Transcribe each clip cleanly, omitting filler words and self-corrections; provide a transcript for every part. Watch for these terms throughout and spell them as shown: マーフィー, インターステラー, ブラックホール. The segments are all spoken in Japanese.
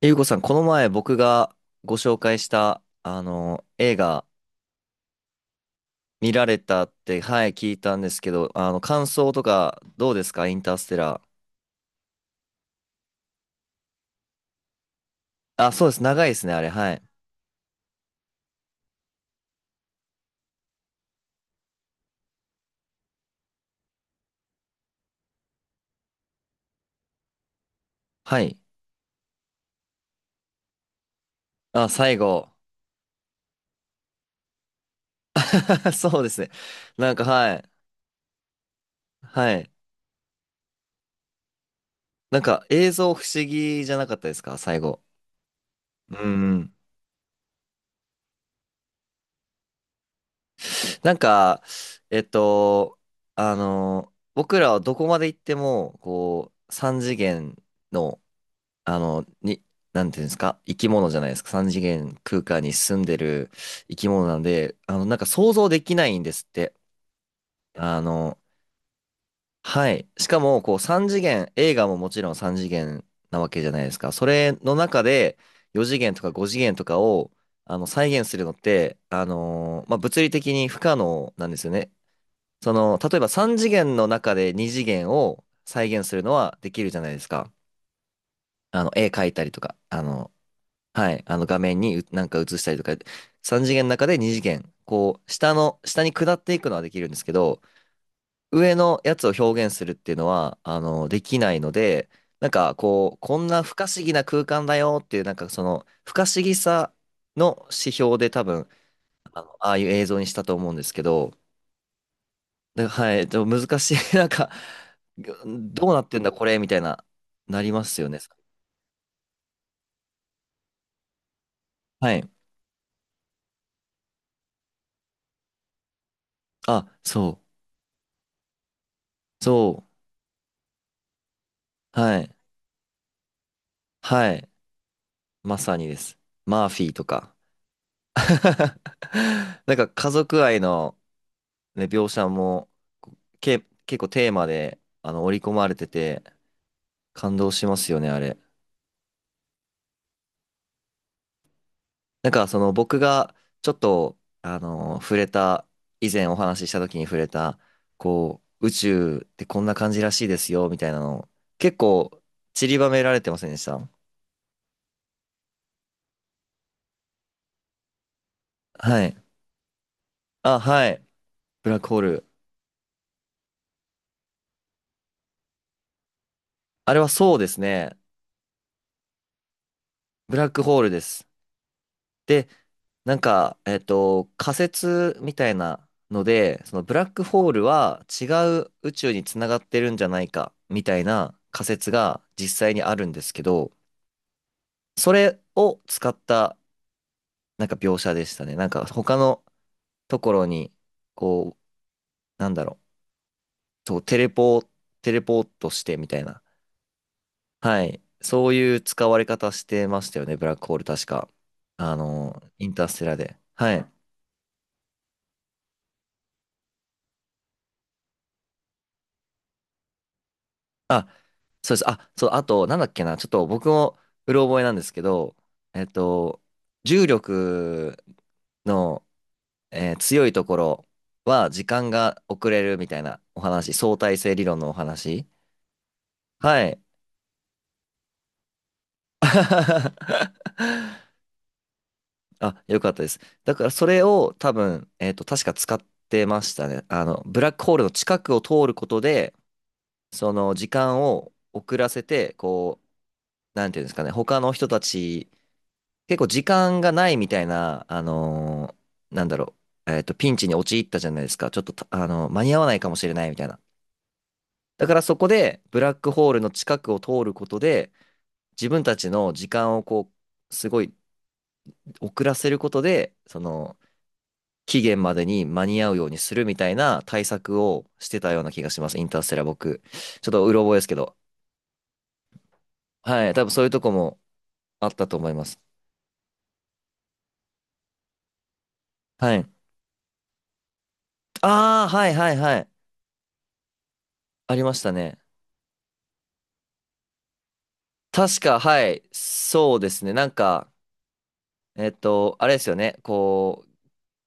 ゆうこさん、この前僕がご紹介した、映画見られたって、はい、聞いたんですけど、感想とかどうですかインターステラー？あ、そうです。長いですね、あれ。はい。はい。あ、最後。そうですね。なんか、はい。はい。なんか、映像不思議じゃなかったですか最後？うんうん。なんか、えっと、僕らはどこまで行っても、こう、三次元の、あの、に、なんていうんですか、生き物じゃないですか。三次元空間に住んでる生き物なんで、なんか想像できないんですって。あの、はい。しかも、こう、三次元、映画ももちろん三次元なわけじゃないですか。それの中で、4次元とか5次元とかを、再現するのって、まあ、物理的に不可能なんですよね。その、例えば三次元の中で二次元を再現するのはできるじゃないですか。絵描いたりとか、はい、画面にうなんか映したりとか、3次元の中で2次元、こう、下に下っていくのはできるんですけど、上のやつを表現するっていうのは、できないので、なんかこう、こんな不可思議な空間だよっていう、なんかその、不可思議さの指標で多分、ああいう映像にしたと思うんですけど、で、はい、でも難しい、なんか、どうなってんだこれみたいな、なりますよね。はい。あ、そう、そう、はい、はい。まさにです。マーフィーとか。なんか家族愛の、ね、描写もけ結構テーマで織り込まれてて感動しますよね、あれ。なんかその僕がちょっと触れた、以前お話しした時に触れた、こう宇宙ってこんな感じらしいですよみたいなの結構散りばめられてませんでした？はい。あ、はい。ブラックホール。あれはそうですね。ブラックホールです。で、なんか、仮説みたいなので、そのブラックホールは違う宇宙につながってるんじゃないかみたいな仮説が実際にあるんですけど、それを使ったなんか描写でしたね。なんか他のところに、こう、なんだろう、そう、テレポートしてみたいな。はい。そういう使われ方してましたよね、ブラックホール確か。インターステラで。はい。あそうです。あ、そう、あと、なんだっけな、ちょっと僕もうろ覚えなんですけど、えっと、重力の、強いところは時間が遅れるみたいなお話、相対性理論のお話。はい。あ、よかったです。だからそれを多分、確か使ってましたね。ブラックホールの近くを通ることで、その時間を遅らせて、こう、なんていうんですかね、他の人たち結構時間がないみたいな、ーなんだろピンチに陥ったじゃないですか。ちょっとた、間に合わないかもしれないみたいな。だからそこで、ブラックホールの近くを通ることで、自分たちの時間をこう、すごい遅らせることで、その、期限までに間に合うようにするみたいな対策をしてたような気がします。インターステラー僕。ちょっとうろ覚えですけど。はい。多分そういうとこもあったと思います。はい。ああ、はいはいはい。ありましたね。確か、はい。そうですね。なんか、あれですよね。こう、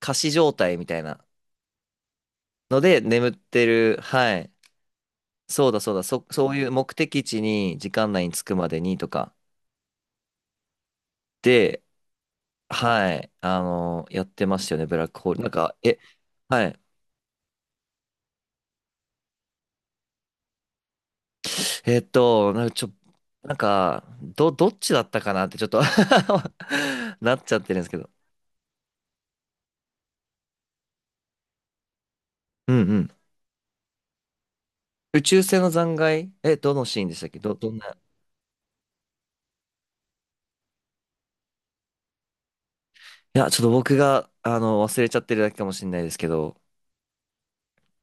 仮死状態みたいなので眠ってる。はい。そうだそうだ。そういう目的地に時間内に着くまでにとかで、はい。やってましたよね。ブラックホール。なんか、え、はい。なんかちょ、なんか、どっちだったかなってちょっと なっちゃってるんですけど。うんうん。宇宙船の残骸え、どのシーンでしたっけ？どんないや、ちょっと僕が、忘れちゃってるだけかもしれないですけど。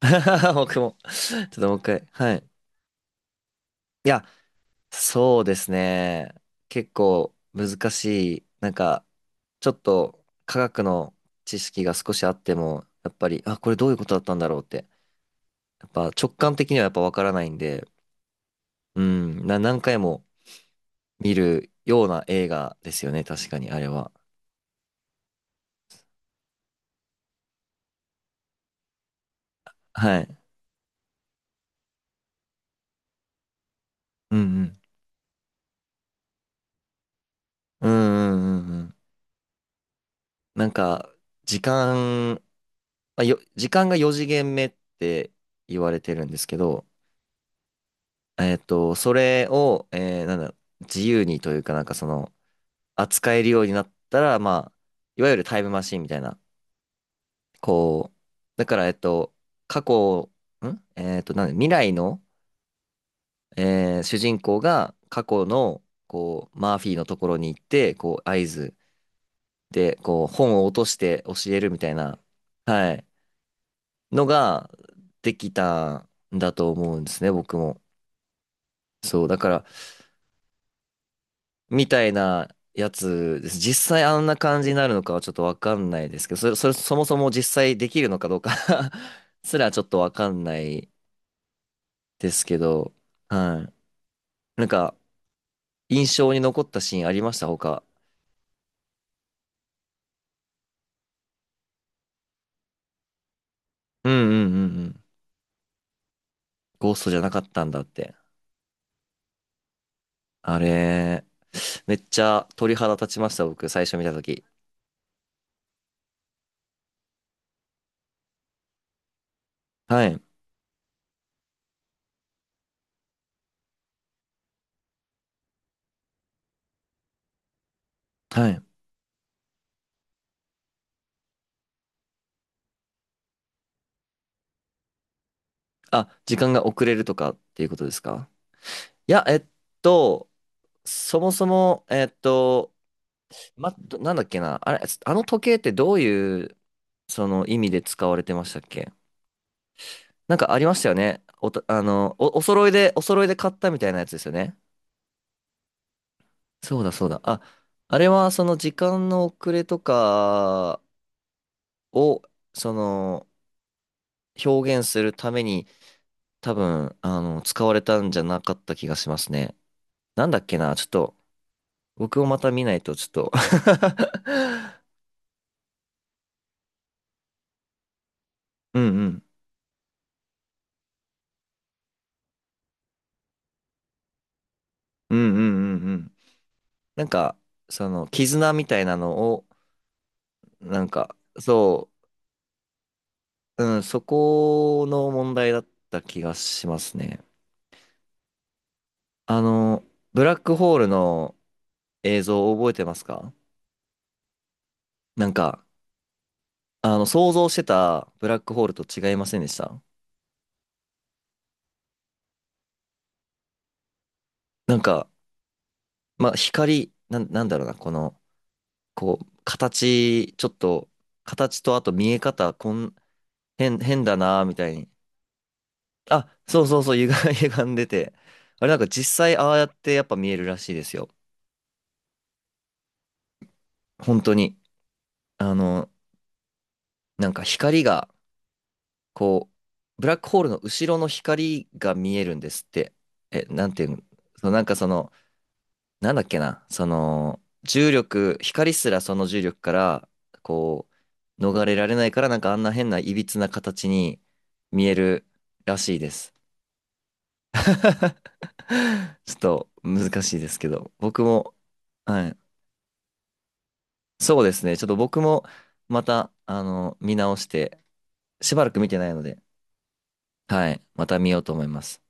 僕も。ちょっともう一回。はい。そうですね。結構難しい。なんか、ちょっと科学の知識が少しあっても、やっぱり、あ、これどういうことだったんだろうって。やっぱ直感的にはやっぱわからないんで、うん、何回も見るような映画ですよね。確かに、あれは。はい。うんうん。うんうんうんうん。なんか、時間まあ、よ、時間が4次元目って言われてるんですけど、それを、えーなんだ、自由にというかなんかその、扱えるようになったら、まあ、いわゆるタイムマシンみたいな、こう、だから、過去、んえっと、なんだ未来の、主人公が過去の、こう、マーフィーのところに行って、こう、合図で、こう、本を落として教えるみたいな、はい、のができたんだと思うんですね、僕も。そう、だから、みたいなやつです。実際あんな感じになるのかはちょっとわかんないですけど、そもそも実際できるのかどうか すらちょっとわかんないですけど、はい。なんか、印象に残ったシーンありました他？うんうんうんうん。ゴーストじゃなかったんだって。あれ、めっちゃ鳥肌立ちました、僕、最初見たとき。はい。はい。あ、時間が遅れるとかっていうことですか？いや、と、そもそも、なんだっけな、あれ、あの時計ってどういう、その意味で使われてましたっけ？なんかありましたよね。お揃いで買ったみたいなやつですよね。そうだそうだ。あ、あれはその時間の遅れとかを、その、表現するために、多分、使われたんじゃなかった気がしますね。なんだっけな、ちょっと、僕をまた見ないと、ちょっと うんうん。うんうんうんうん。なんか、その、絆みたいなのを、なんか、そう、うん、そこの問題だった気がしますね。あの、ブラックホールの映像を覚えてますか？なんか、想像してたブラックホールと違いませんでした？なんか、まあ、光、なんだろうな、この、こう、形、ちょっと、形とあと見え方、変だな、みたいにあ、そうそうそう、歪んでて。あれなんか実際ああやってやっぱ見えるらしいですよ。本当に。あの、なんか光が、こう、ブラックホールの後ろの光が見えるんですって。え、なんていうの、そうなんかその、なんだっけな、その、重力、光すらその重力から、こう、逃れられないから、なんかあんな変な歪な形に見えるらしいです。ちょっと難しいですけど、僕も、はい、そうですね。ちょっと僕もまた、見直して、しばらく見てないので、はい、また見ようと思います。